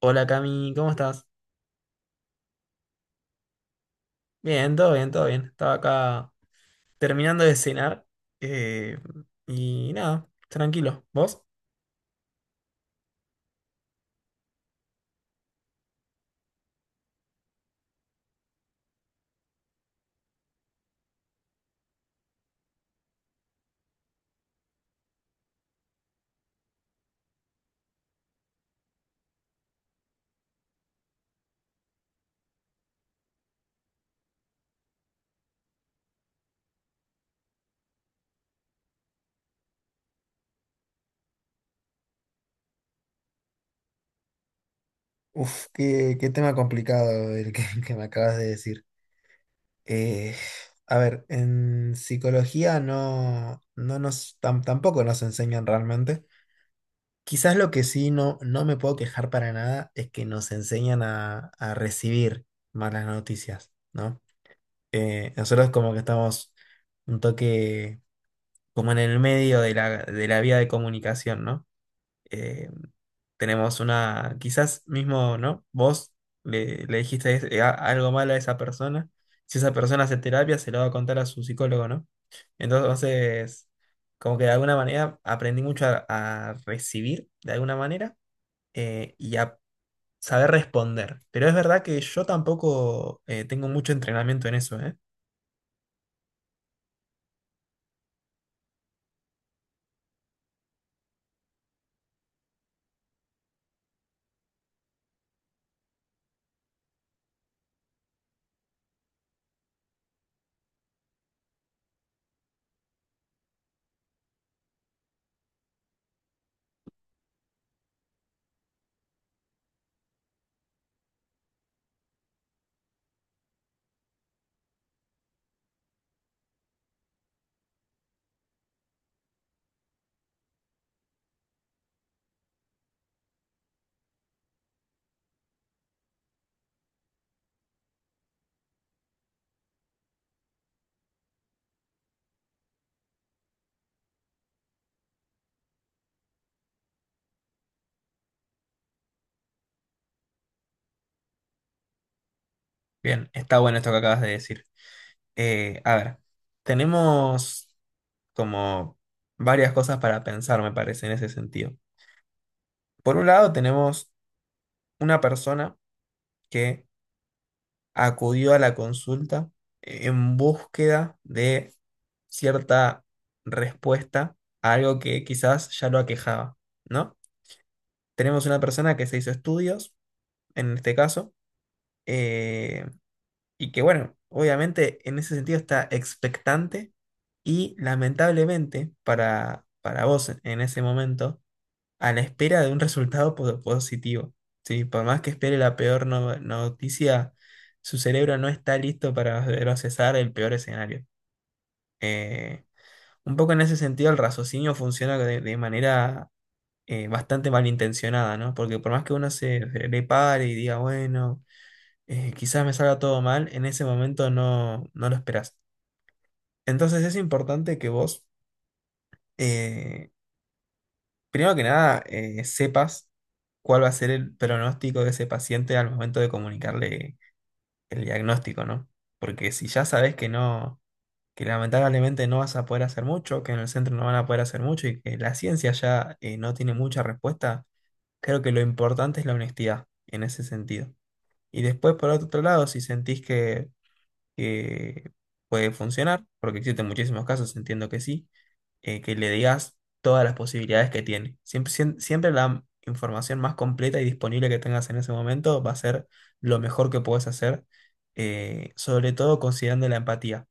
Hola Cami, ¿cómo estás? Bien, todo bien, todo bien. Estaba acá terminando de cenar eh, y nada, tranquilo. ¿Vos? Uf, qué tema complicado el que, que me acabas de decir. Eh, a ver, en psicología tampoco nos enseñan realmente. Quizás lo que sí no me puedo quejar para nada es que nos enseñan a recibir malas noticias, ¿no? Nosotros como que estamos un toque como en el medio de de la vía de comunicación, ¿no? Eh, tenemos una, quizás mismo, ¿no? Vos le dijiste algo mal a esa persona. Si esa persona hace terapia, se lo va a contar a su psicólogo, ¿no? Entonces, como que de alguna manera aprendí mucho a recibir, de alguna manera, y a saber responder. Pero es verdad que yo tampoco tengo mucho entrenamiento en eso, ¿eh? Bien, está bueno esto que acabas de decir. A ver, tenemos como varias cosas para pensar, me parece, en ese sentido. Por un lado, tenemos una persona que acudió a la consulta en búsqueda de cierta respuesta a algo que quizás ya lo aquejaba, ¿no? Tenemos una persona que se hizo estudios, en este caso, eh, y que, bueno, obviamente en ese sentido está expectante y lamentablemente para vos en ese momento a la espera de un resultado positivo. Sí, por más que espere la peor noticia, su cerebro no está listo para procesar el peor escenario. Eh, un poco en ese sentido, el raciocinio funciona de manera bastante malintencionada, ¿no? Porque por más que uno se le pare y diga, bueno, quizás me salga todo mal, en ese momento no lo esperas. Entonces es importante que vos eh, Primero que nada, sepas cuál va a ser el pronóstico de ese paciente al momento de comunicarle el diagnóstico, ¿no? Porque si ya sabes que no, que lamentablemente no vas a poder hacer mucho, que en el centro no van a poder hacer mucho y que la ciencia ya no tiene mucha respuesta, creo que lo importante es la honestidad en ese sentido. Y después, por otro lado, si sentís que puede funcionar, porque existen muchísimos casos, entiendo que sí, que le digas todas las posibilidades que tiene. Siempre la información más completa y disponible que tengas en ese momento va a ser lo mejor que puedes hacer, sobre todo considerando la empatía.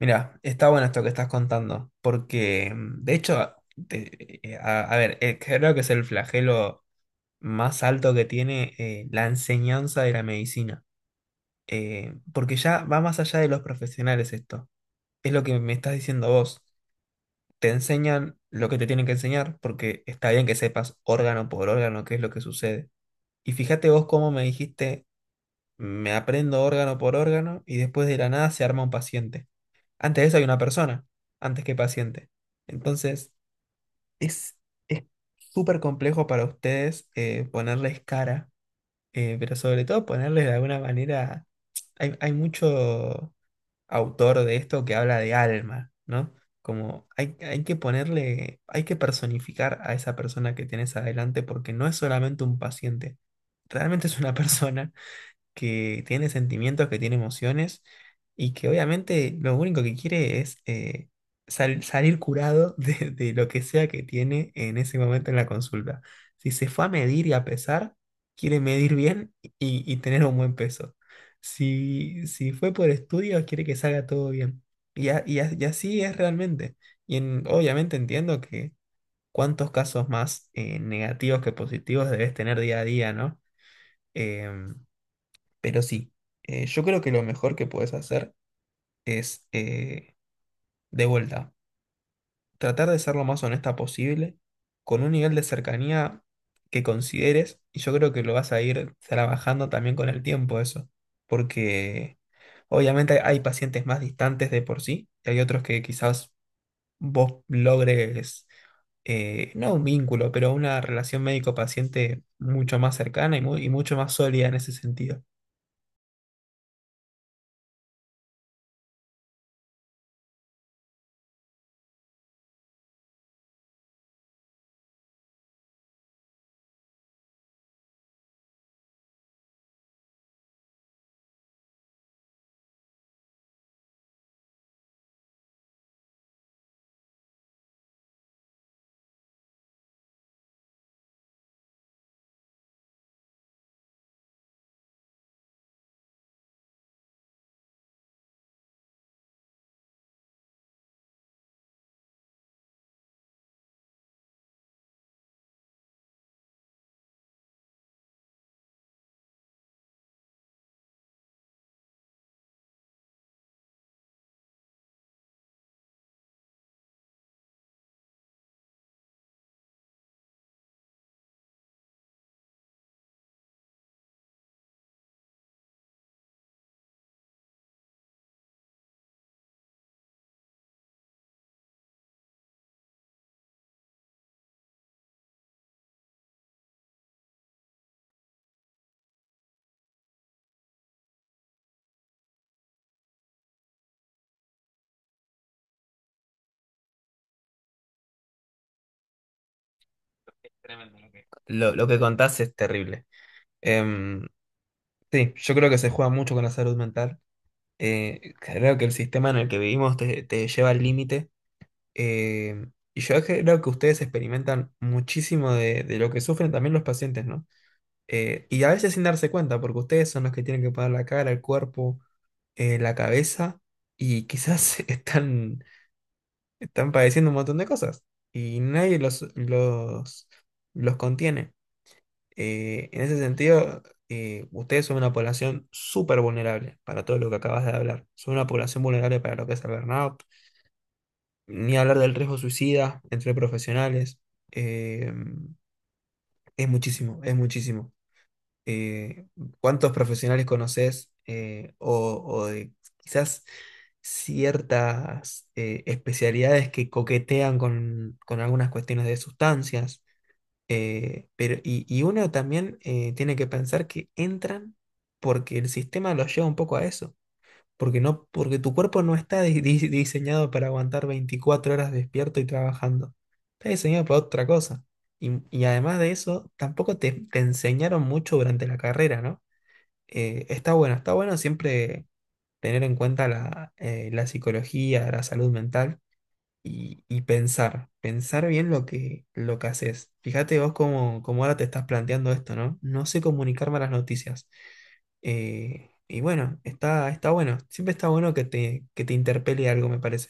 Mira, está bueno esto que estás contando, porque de hecho, a ver, creo que es el flagelo más alto que tiene la enseñanza de la medicina porque ya va más allá de los profesionales esto. Es lo que me estás diciendo vos. Te enseñan lo que te tienen que enseñar, porque está bien que sepas órgano por órgano qué es lo que sucede. Y fíjate vos cómo me dijiste, me aprendo órgano por órgano y después de la nada se arma un paciente. Antes de eso hay una persona, antes que paciente. Entonces, es es súper complejo para ustedes ponerles cara, pero sobre todo ponerles de alguna manera. Hay mucho autor de esto que habla de alma, ¿no? Como hay que ponerle, hay que personificar a esa persona que tienes adelante porque no es solamente un paciente, realmente es una persona que tiene sentimientos, que tiene emociones y que obviamente lo único que quiere es salir curado de lo que sea que tiene en ese momento en la consulta. Si se fue a medir y a pesar, quiere medir bien y tener un buen peso. Si, si fue por estudios, quiere que salga todo bien. Y así es realmente. Obviamente entiendo que cuántos casos más negativos que positivos debes tener día a día, ¿no? Em, pero sí, yo creo que lo mejor que puedes hacer es, de vuelta, tratar de ser lo más honesta posible, con un nivel de cercanía que consideres, y yo creo que lo vas a ir trabajando también con el tiempo eso, porque obviamente hay pacientes más distantes de por sí, y hay otros que quizás vos logres, no un vínculo, pero una relación médico-paciente mucho más cercana y, y mucho más sólida en ese sentido. Es tremendo lo que lo que contás es terrible. Em, sí, yo creo que se juega mucho con la salud mental. Creo que el sistema en el que vivimos te lleva al límite. Eh, y yo creo que ustedes experimentan muchísimo de lo que sufren también los pacientes, ¿no? Y a veces sin darse cuenta, porque ustedes son los que tienen que poner la cara, el cuerpo, la cabeza, y quizás están padeciendo un montón de cosas. Y nadie los contiene. En ese sentido, ustedes son una población súper vulnerable para todo lo que acabas de hablar. Son una población vulnerable para lo que es el burnout, ni hablar del riesgo suicida entre profesionales. Eh, es muchísimo, es muchísimo. Eh, ¿Cuántos profesionales conoces o de quizás ciertas especialidades que coquetean con algunas cuestiones de sustancias? Pero, y uno también tiene que pensar que entran porque el sistema los lleva un poco a eso. Porque, no, porque tu cuerpo no está diseñado para aguantar 24 horas despierto y trabajando. Está diseñado para otra cosa. Y además de eso, tampoco te enseñaron mucho durante la carrera, ¿no? Está bueno, está bueno siempre tener en cuenta la psicología, la salud mental y pensar, pensar bien lo que haces. Fíjate vos cómo, cómo ahora te estás planteando esto, ¿no? No sé comunicar malas noticias. Y bueno, está, está bueno. Siempre está bueno que te interpele algo, me parece.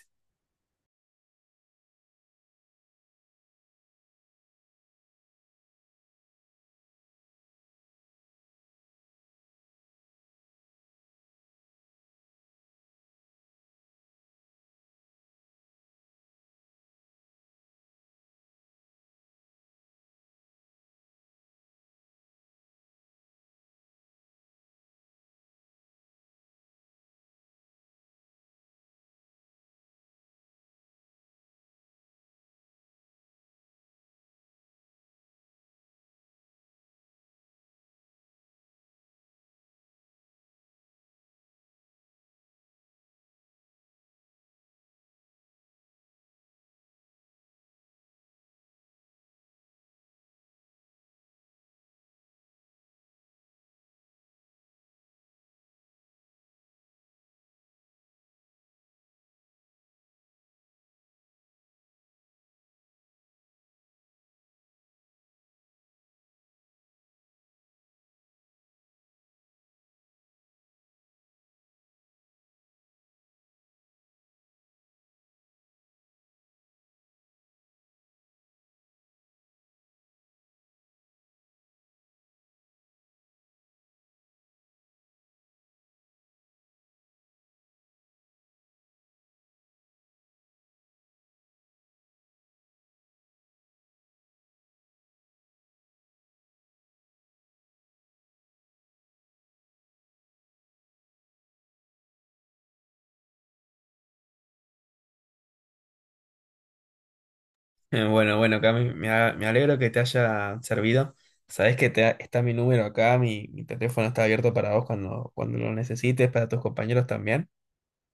Bueno, bueno, Cami, me alegro que te haya servido. Sabés que está mi número acá, mi teléfono está abierto para vos cuando, cuando lo necesites, para tus compañeros también.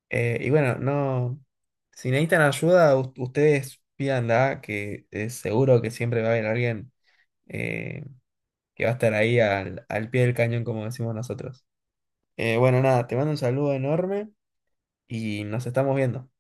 Y bueno, no, si necesitan ayuda, ustedes pídanla, que es seguro que siempre va a haber alguien eh, que va a estar ahí al, al pie del cañón, como decimos nosotros. Bueno, nada, te mando un saludo enorme y nos estamos viendo.